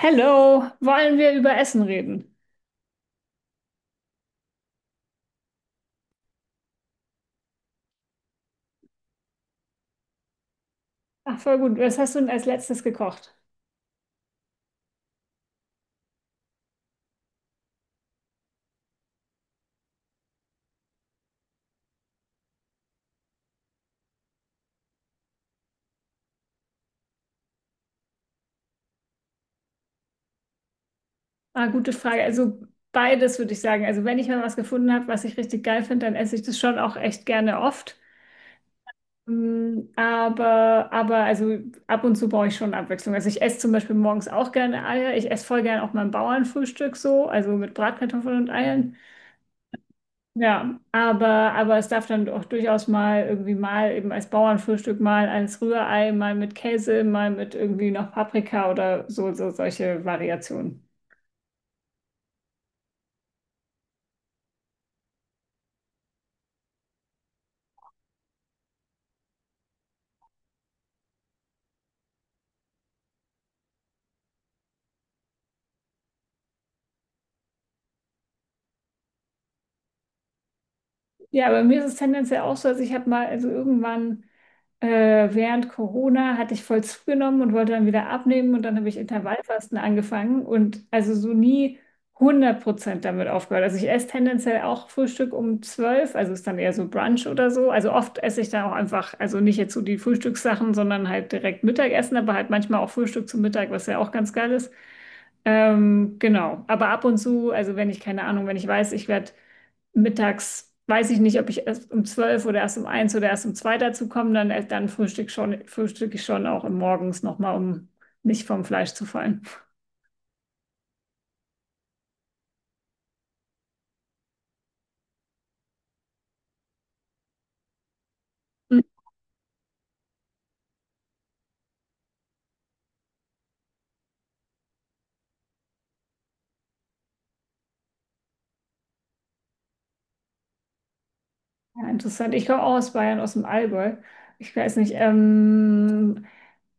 Hello, wollen wir über Essen reden? Ach, voll gut. Was hast du denn als letztes gekocht? Ah, gute Frage. Also beides würde ich sagen. Also wenn ich mal was gefunden habe, was ich richtig geil finde, dann esse ich das schon auch echt gerne oft. Mm, aber also ab und zu brauche ich schon Abwechslung. Also ich esse zum Beispiel morgens auch gerne Eier. Ich esse voll gerne auch mein Bauernfrühstück so, also mit Bratkartoffeln und Eiern. Ja, aber es darf dann auch durchaus mal irgendwie mal eben als Bauernfrühstück, mal als Rührei, mal mit Käse, mal mit irgendwie noch Paprika oder so, so solche Variationen. Ja, bei mir ist es tendenziell auch so, also ich habe mal, also irgendwann äh, während Corona hatte ich voll zugenommen und wollte dann wieder abnehmen und dann habe ich Intervallfasten angefangen und also so nie 100% damit aufgehört. Also ich esse tendenziell auch Frühstück um 12, also ist dann eher so Brunch oder so. Also oft esse ich dann auch einfach, also nicht jetzt so die Frühstückssachen, sondern halt direkt Mittagessen, aber halt manchmal auch Frühstück zum Mittag, was ja auch ganz geil ist. Genau, aber ab und zu, also wenn ich keine Ahnung, wenn ich weiß, ich werde mittags, weiß ich nicht, ob ich erst um 12 oder erst um eins oder erst um 2 dazu komme, dann frühstück ich schon auch morgens nochmal, um nicht vom Fleisch zu fallen. Ja, interessant. Ich komme auch aus Bayern, aus dem Allgäu. Ich weiß nicht,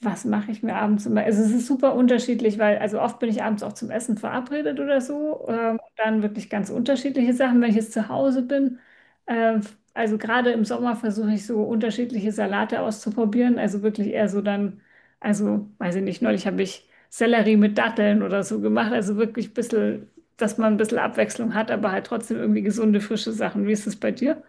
was mache ich mir abends immer? Also es ist super unterschiedlich, weil also oft bin ich abends auch zum Essen verabredet oder so. Dann wirklich ganz unterschiedliche Sachen, wenn ich jetzt zu Hause bin. Äh, also gerade im Sommer versuche ich so unterschiedliche Salate auszuprobieren. Also wirklich eher so dann, also weiß ich nicht, neulich habe ich Sellerie mit Datteln oder so gemacht. Also wirklich ein bisschen, dass man ein bisschen Abwechslung hat, aber halt trotzdem irgendwie gesunde, frische Sachen. Wie ist es bei dir?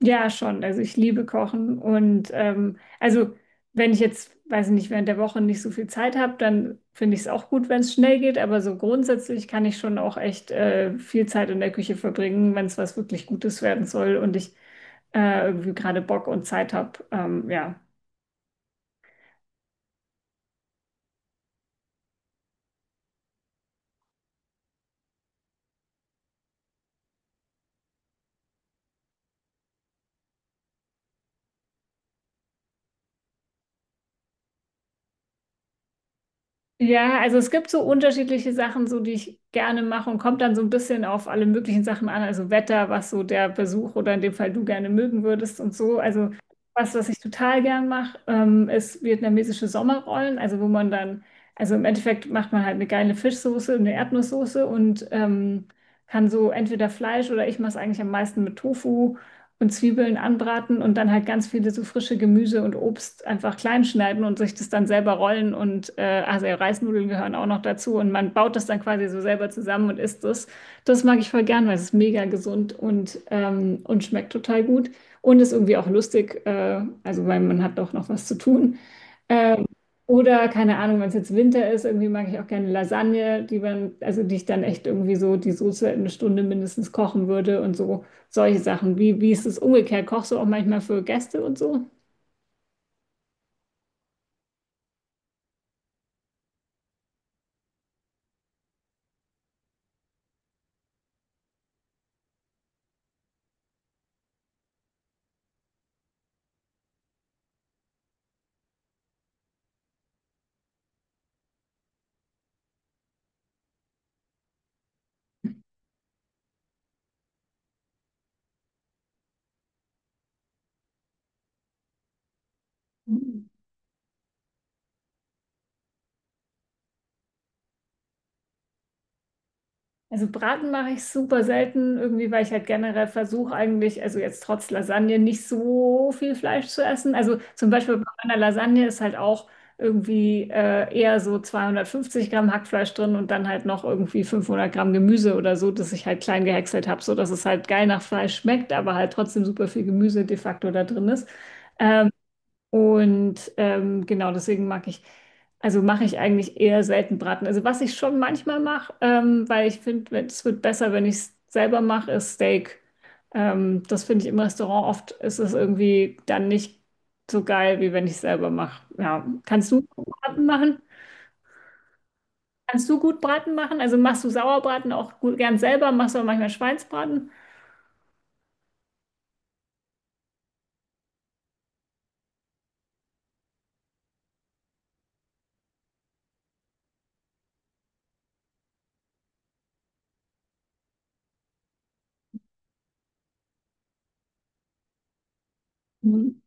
Ja, schon. Also ich liebe Kochen und also wenn ich jetzt, weiß ich nicht, während der Woche nicht so viel Zeit habe, dann finde ich es auch gut, wenn es schnell geht. Aber so grundsätzlich kann ich schon auch echt viel Zeit in der Küche verbringen, wenn es was wirklich Gutes werden soll und ich irgendwie gerade Bock und Zeit habe. Ja. Ja, also es gibt so unterschiedliche Sachen, so die ich gerne mache und kommt dann so ein bisschen auf alle möglichen Sachen an, also Wetter, was so der Besuch oder in dem Fall du gerne mögen würdest und so. Also was ich total gern mache, ist vietnamesische Sommerrollen, also wo man dann, also im Endeffekt macht man halt eine geile Fischsoße, eine Erdnusssoße und kann so entweder Fleisch oder ich mache es eigentlich am meisten mit Tofu und Zwiebeln anbraten und dann halt ganz viele so frische Gemüse und Obst einfach klein schneiden und sich das dann selber rollen und also ja, Reisnudeln gehören auch noch dazu und man baut das dann quasi so selber zusammen und isst es. Das mag ich voll gern, weil es ist mega gesund und und schmeckt total gut und ist irgendwie auch lustig, also weil man hat doch noch was zu tun. Ähm, oder keine Ahnung, wenn es jetzt Winter ist, irgendwie mag ich auch gerne Lasagne, die man, also die ich dann echt irgendwie so die Soße 1 Stunde mindestens kochen würde und so solche Sachen. Wie ist es umgekehrt? Kochst du auch manchmal für Gäste und so? Also Braten mache ich super selten, irgendwie, weil ich halt generell versuche eigentlich, also jetzt trotz Lasagne, nicht so viel Fleisch zu essen. Also zum Beispiel bei meiner Lasagne ist halt auch irgendwie eher so 250 Gramm Hackfleisch drin und dann halt noch irgendwie 500 Gramm Gemüse oder so, dass ich halt klein gehäckselt habe, so dass es halt geil nach Fleisch schmeckt, aber halt trotzdem super viel Gemüse de facto da drin ist. Äh, genau deswegen mag ich, also mache ich eigentlich eher selten Braten. Also was ich schon manchmal mache, weil ich finde, es wird besser, wenn ich es selber mache, ist Steak. Das finde ich im Restaurant oft, ist es irgendwie dann nicht so geil, wie wenn ich es selber mache. Ja, kannst du Braten machen? Kannst du gut Braten machen? Also machst du Sauerbraten auch gut, gern selber? Machst du auch manchmal Schweinsbraten? Mhm.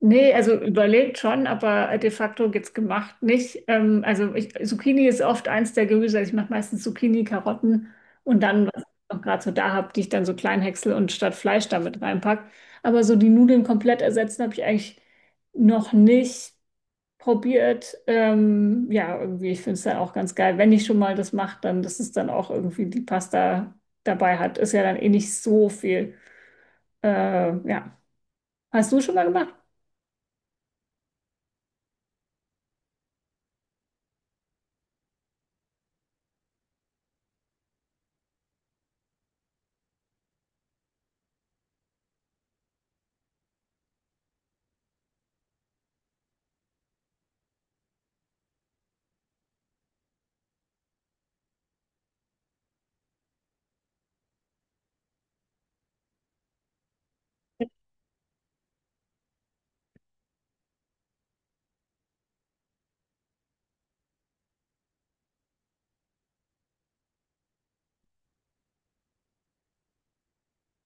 Nee, also überlegt schon, aber de facto jetzt gemacht nicht. Also ich, Zucchini ist oft eins der Gemüse. Also ich mache meistens Zucchini, Karotten und dann, was ich noch gerade so da habe, die ich dann so klein häcksel und statt Fleisch damit reinpack. Aber so die Nudeln komplett ersetzen habe ich eigentlich noch nicht probiert. Ja, irgendwie, ich finde es dann auch ganz geil. Wenn ich schon mal das mache, dann, dass es dann auch irgendwie die Pasta dabei hat. Ist ja dann eh nicht so viel. Ja. Hast du schon mal gemacht?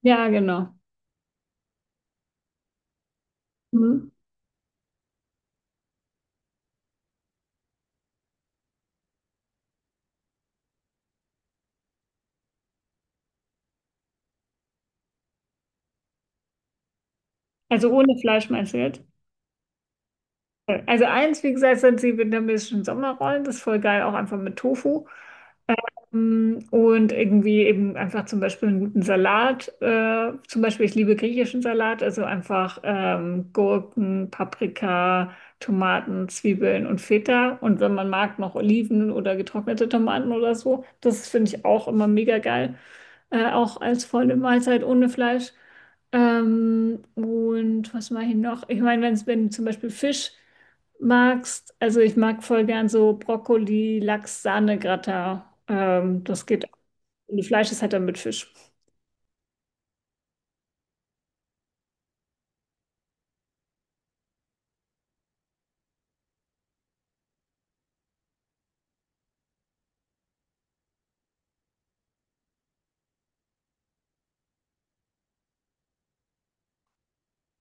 Ja, genau. Mhm. Also ohne Fleischmesse jetzt. Also eins, wie gesagt, sind die vietnamesischen Sommerrollen. Das ist voll geil, auch einfach mit Tofu. Und irgendwie eben einfach zum Beispiel einen guten Salat. Zum Beispiel, ich liebe griechischen Salat, also einfach Gurken, Paprika, Tomaten, Zwiebeln und Feta. Und wenn man mag, noch Oliven oder getrocknete Tomaten oder so. Das finde ich auch immer mega geil. Auch als volle Mahlzeit ohne Fleisch. Und was mache ich noch? Ich meine, wenn zum Beispiel Fisch magst, also ich mag voll gern so Brokkoli, Lachs, Sahne, Gratin. Das geht auch. Und Fleisch ist halt dann mit Fisch.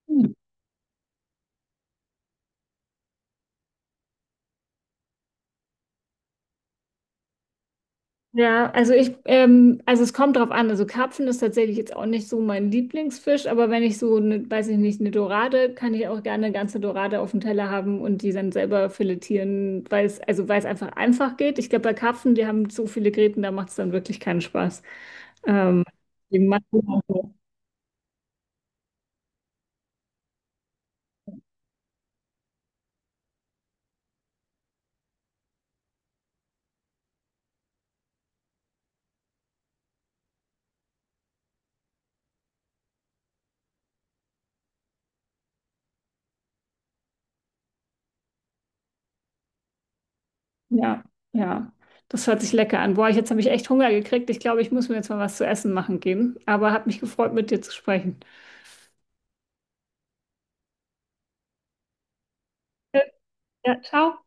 Hm. Ja, also es kommt drauf an. Also Karpfen ist tatsächlich jetzt auch nicht so mein Lieblingsfisch, aber wenn ich so, eine, weiß ich nicht, eine Dorade, kann ich auch gerne eine ganze Dorade auf dem Teller haben und die dann selber filetieren, weil es, also weil es einfach geht. Ich glaube, bei Karpfen, die haben so viele Gräten, da macht es dann wirklich keinen Spaß. Ähm, Deswegen mag ich auch so. Ja, ja. Das hört sich lecker an. Boah, ich, jetzt habe ich echt Hunger gekriegt. Ich glaube, ich muss mir jetzt mal was zu essen machen gehen. Aber hat mich gefreut, mit dir zu sprechen. Ja, ciao.